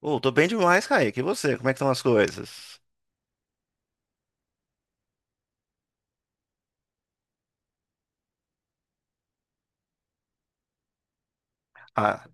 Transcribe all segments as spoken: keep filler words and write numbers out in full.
Ô, tô bem demais, Kaique. E você? Como é que estão as coisas? Ah,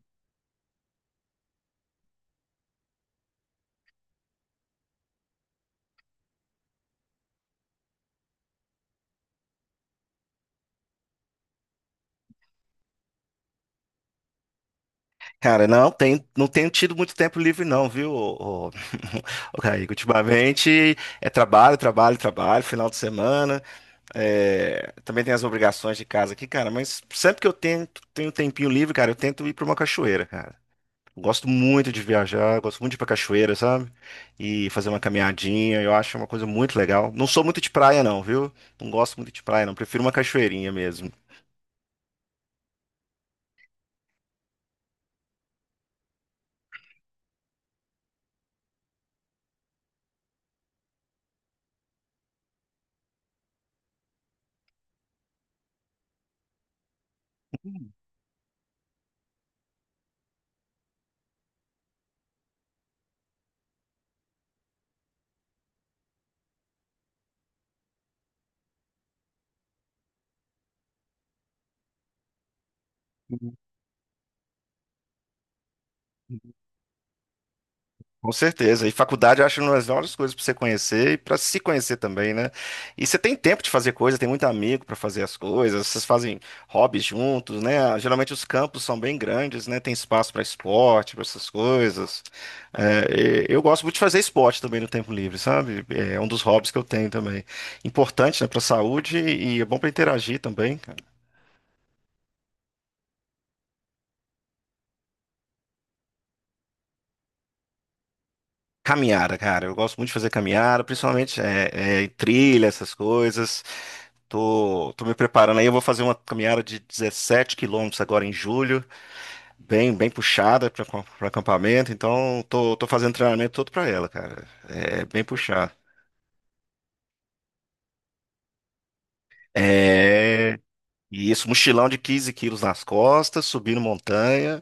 cara, não tem, não tenho tido muito tempo livre, não, viu, ô, ô, ô, Kaique? Ultimamente é trabalho, trabalho, trabalho, final de semana. É, também tem as obrigações de casa aqui, cara. Mas sempre que eu tento, tenho um tempinho livre, cara, eu tento ir pra uma cachoeira, cara. Eu gosto muito de viajar, gosto muito de ir pra cachoeira, sabe? E fazer uma caminhadinha, eu acho uma coisa muito legal. Não sou muito de praia, não, viu? Não gosto muito de praia, não. Prefiro uma cachoeirinha mesmo. Com certeza. E faculdade eu acho uma das melhores coisas para você conhecer e para se conhecer também, né? E você tem tempo de fazer coisa, tem muito amigo para fazer as coisas, vocês fazem hobbies juntos, né? Geralmente os campos são bem grandes, né? Tem espaço para esporte, para essas coisas. É, e eu gosto muito de fazer esporte também no tempo livre, sabe? É um dos hobbies que eu tenho também. Importante, né, para a saúde e é bom para interagir também. Caminhada, cara. Eu gosto muito de fazer caminhada, principalmente é, é, trilha, essas coisas. Tô, tô me preparando aí. Eu vou fazer uma caminhada de dezessete quilômetros agora em julho, bem, bem puxada para acampamento. Então, tô, tô fazendo treinamento todo para ela, cara. É é bem puxado. É. E isso, mochilão de quinze quilos nas costas, subindo montanha.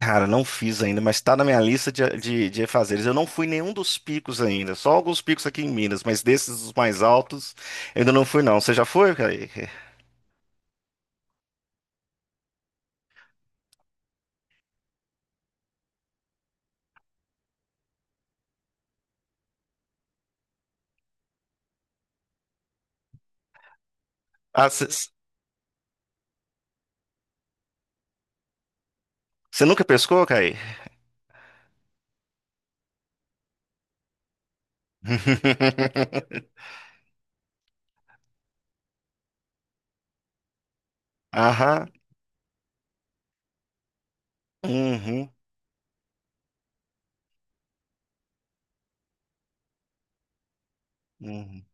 Cara, não fiz ainda, mas tá na minha lista de, de, de fazeres. Eu não fui em nenhum dos picos ainda, só alguns picos aqui em Minas, mas desses os mais altos, eu ainda não fui, não. Você já foi, Kaique? Ah, você nunca pescou, Kaique? Aham. Uhum. Uhum.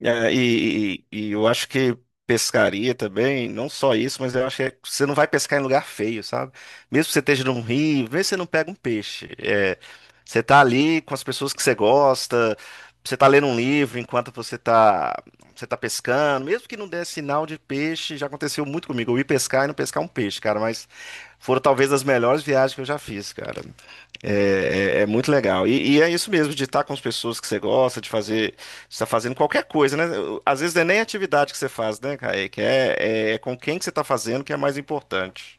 É, e, e- e eu acho que pescaria também, não só isso, mas eu acho que é- você não vai pescar em lugar feio, sabe? Mesmo que você esteja num rio, vê se você não pega um peixe. É, você tá ali com as pessoas que você gosta, você tá lendo um livro enquanto você tá, você tá pescando, mesmo que não dê sinal de peixe, já aconteceu muito comigo. Eu ir pescar e não pescar um peixe, cara, mas foram talvez as melhores viagens que eu já fiz, cara. É, é- é muito legal. E, e é isso mesmo, de estar com as pessoas que você gosta, de fazer, de estar fazendo qualquer coisa, né? Às vezes não é nem a atividade que você faz, né, Kaique? É, é, é com quem que você está fazendo que é mais importante.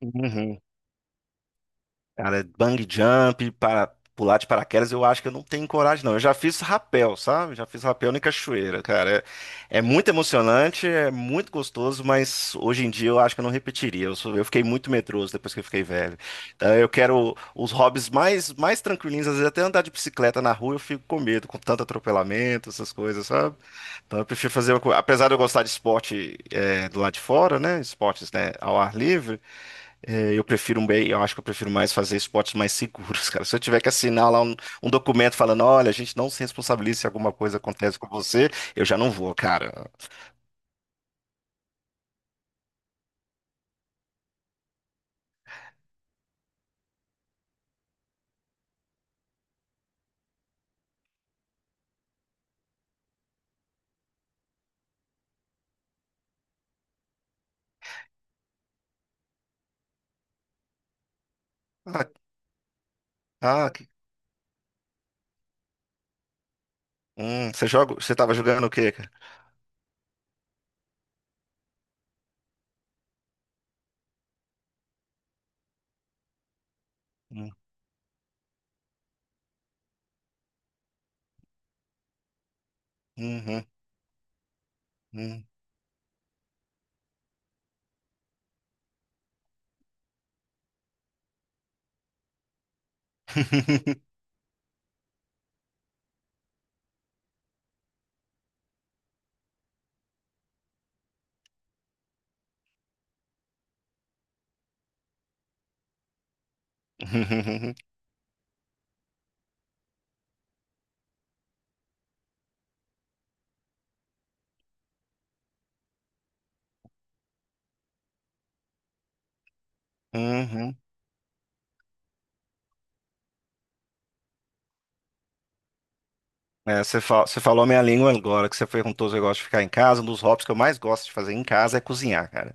Uhum. Cara, bang jump, para pular de paraquedas, eu acho que eu não tenho coragem, não. Eu já fiz rapel, sabe? Já fiz rapel em cachoeira, cara. É, é muito emocionante, é muito gostoso, mas hoje em dia eu acho que eu não repetiria. Eu, sou- eu fiquei muito medroso depois que eu fiquei velho. Então eu quero os hobbies mais, mais tranquilinhos, às vezes até andar de bicicleta na rua eu fico com medo, com tanto atropelamento, essas coisas, sabe? Então eu prefiro fazer, uma co- apesar de eu gostar de esporte é, do lado de fora, né? Esportes, né, ao ar livre. É, eu prefiro um bem, eu acho que eu prefiro mais fazer esportes mais seguros, cara. Se eu tiver que assinar lá um, um documento falando, olha, a gente não se responsabiliza se alguma coisa acontece com você, eu já não vou, cara. Ah, ah, que- hum, Você joga, você tava jogando o quê, cara? Hum. Uhum. Hum. Uhum. Uhum. É, você fa- você falou a minha língua agora, que você perguntou se eu gosto de ficar em casa. Um dos hobbies que eu mais gosto de fazer em casa é cozinhar, cara.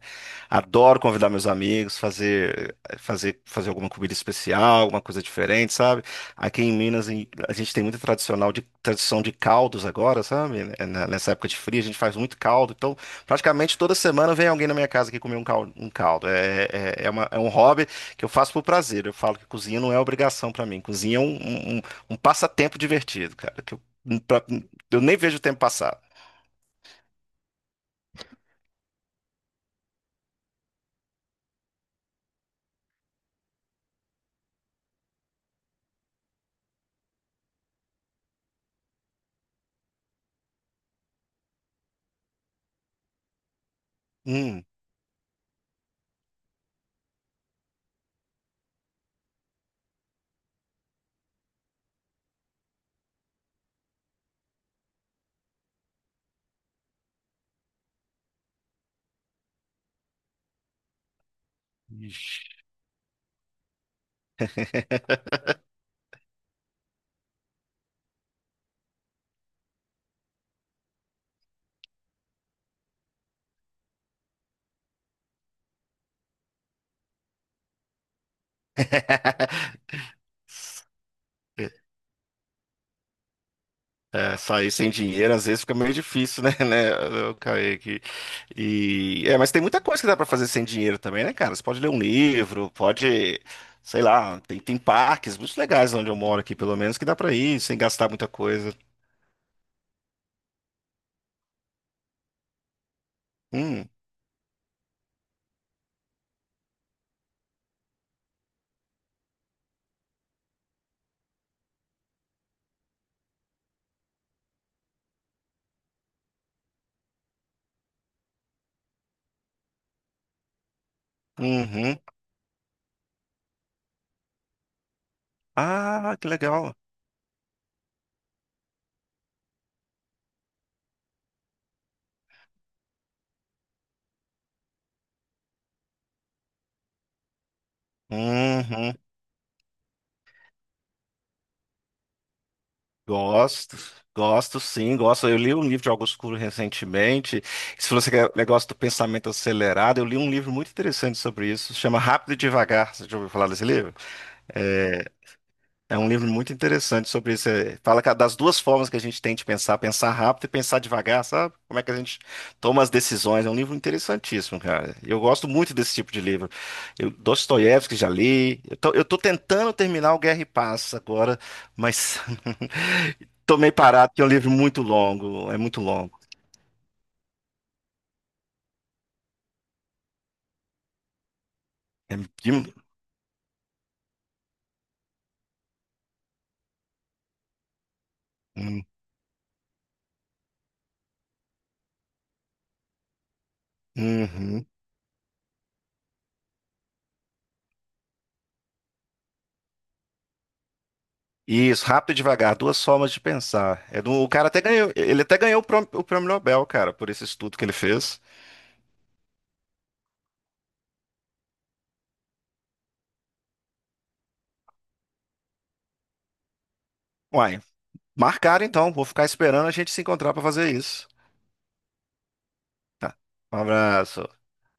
Adoro convidar meus amigos, fazer, fazer, fazer alguma comida especial, alguma coisa diferente, sabe? Aqui em Minas, em- a gente tem muita tradicional de, tradição de caldos agora, sabe? Na- Nessa época de frio, a gente faz muito caldo. Então, praticamente toda semana vem alguém na minha casa aqui comer um caldo. Um caldo. É, é, é, uma- é um hobby que eu faço por prazer. Eu falo que cozinha não é obrigação pra mim. Cozinha é um, um- um- um passatempo divertido, cara. Pra- Eu nem vejo o tempo passar. Hum. Ixi. É, sair sem dinheiro às vezes fica meio difícil, né? Né? Eu caí aqui. E, é, mas tem muita coisa que dá pra fazer sem dinheiro também, né, cara? Você pode ler um livro, pode, sei lá, tem, tem parques muito legais onde eu moro aqui, pelo menos, que dá pra ir sem gastar muita coisa. Hum. Uhum. Ah, que legal. Uhum. Gosto, gosto sim, gosto. Eu li um livro de Augusto Cury recentemente. Se você quer negócio do pensamento acelerado, eu li um livro muito interessante sobre isso, chama Rápido e Devagar. Você já ouviu falar desse livro? É, é um livro muito interessante sobre isso. É, Fala ca- das duas formas que a gente tem de pensar, pensar rápido e pensar devagar, sabe? Como é que a gente toma as decisões. É um livro interessantíssimo, cara. Eu gosto muito desse tipo de livro. Eu, Dostoiévski já li. Eu tô, eu tô tentando terminar o Guerra e Paz agora, mas tô meio parado, porque é um livro muito longo. É muito longo. É de- Hum. Uhum. Isso, rápido e devagar, duas formas de pensar. É do, o cara até ganhou, ele até ganhou o prêmio, o prêmio Nobel, cara, por esse estudo que ele fez. Uai, marcaram então, vou ficar esperando a gente se encontrar para fazer isso. Tá. Um abraço.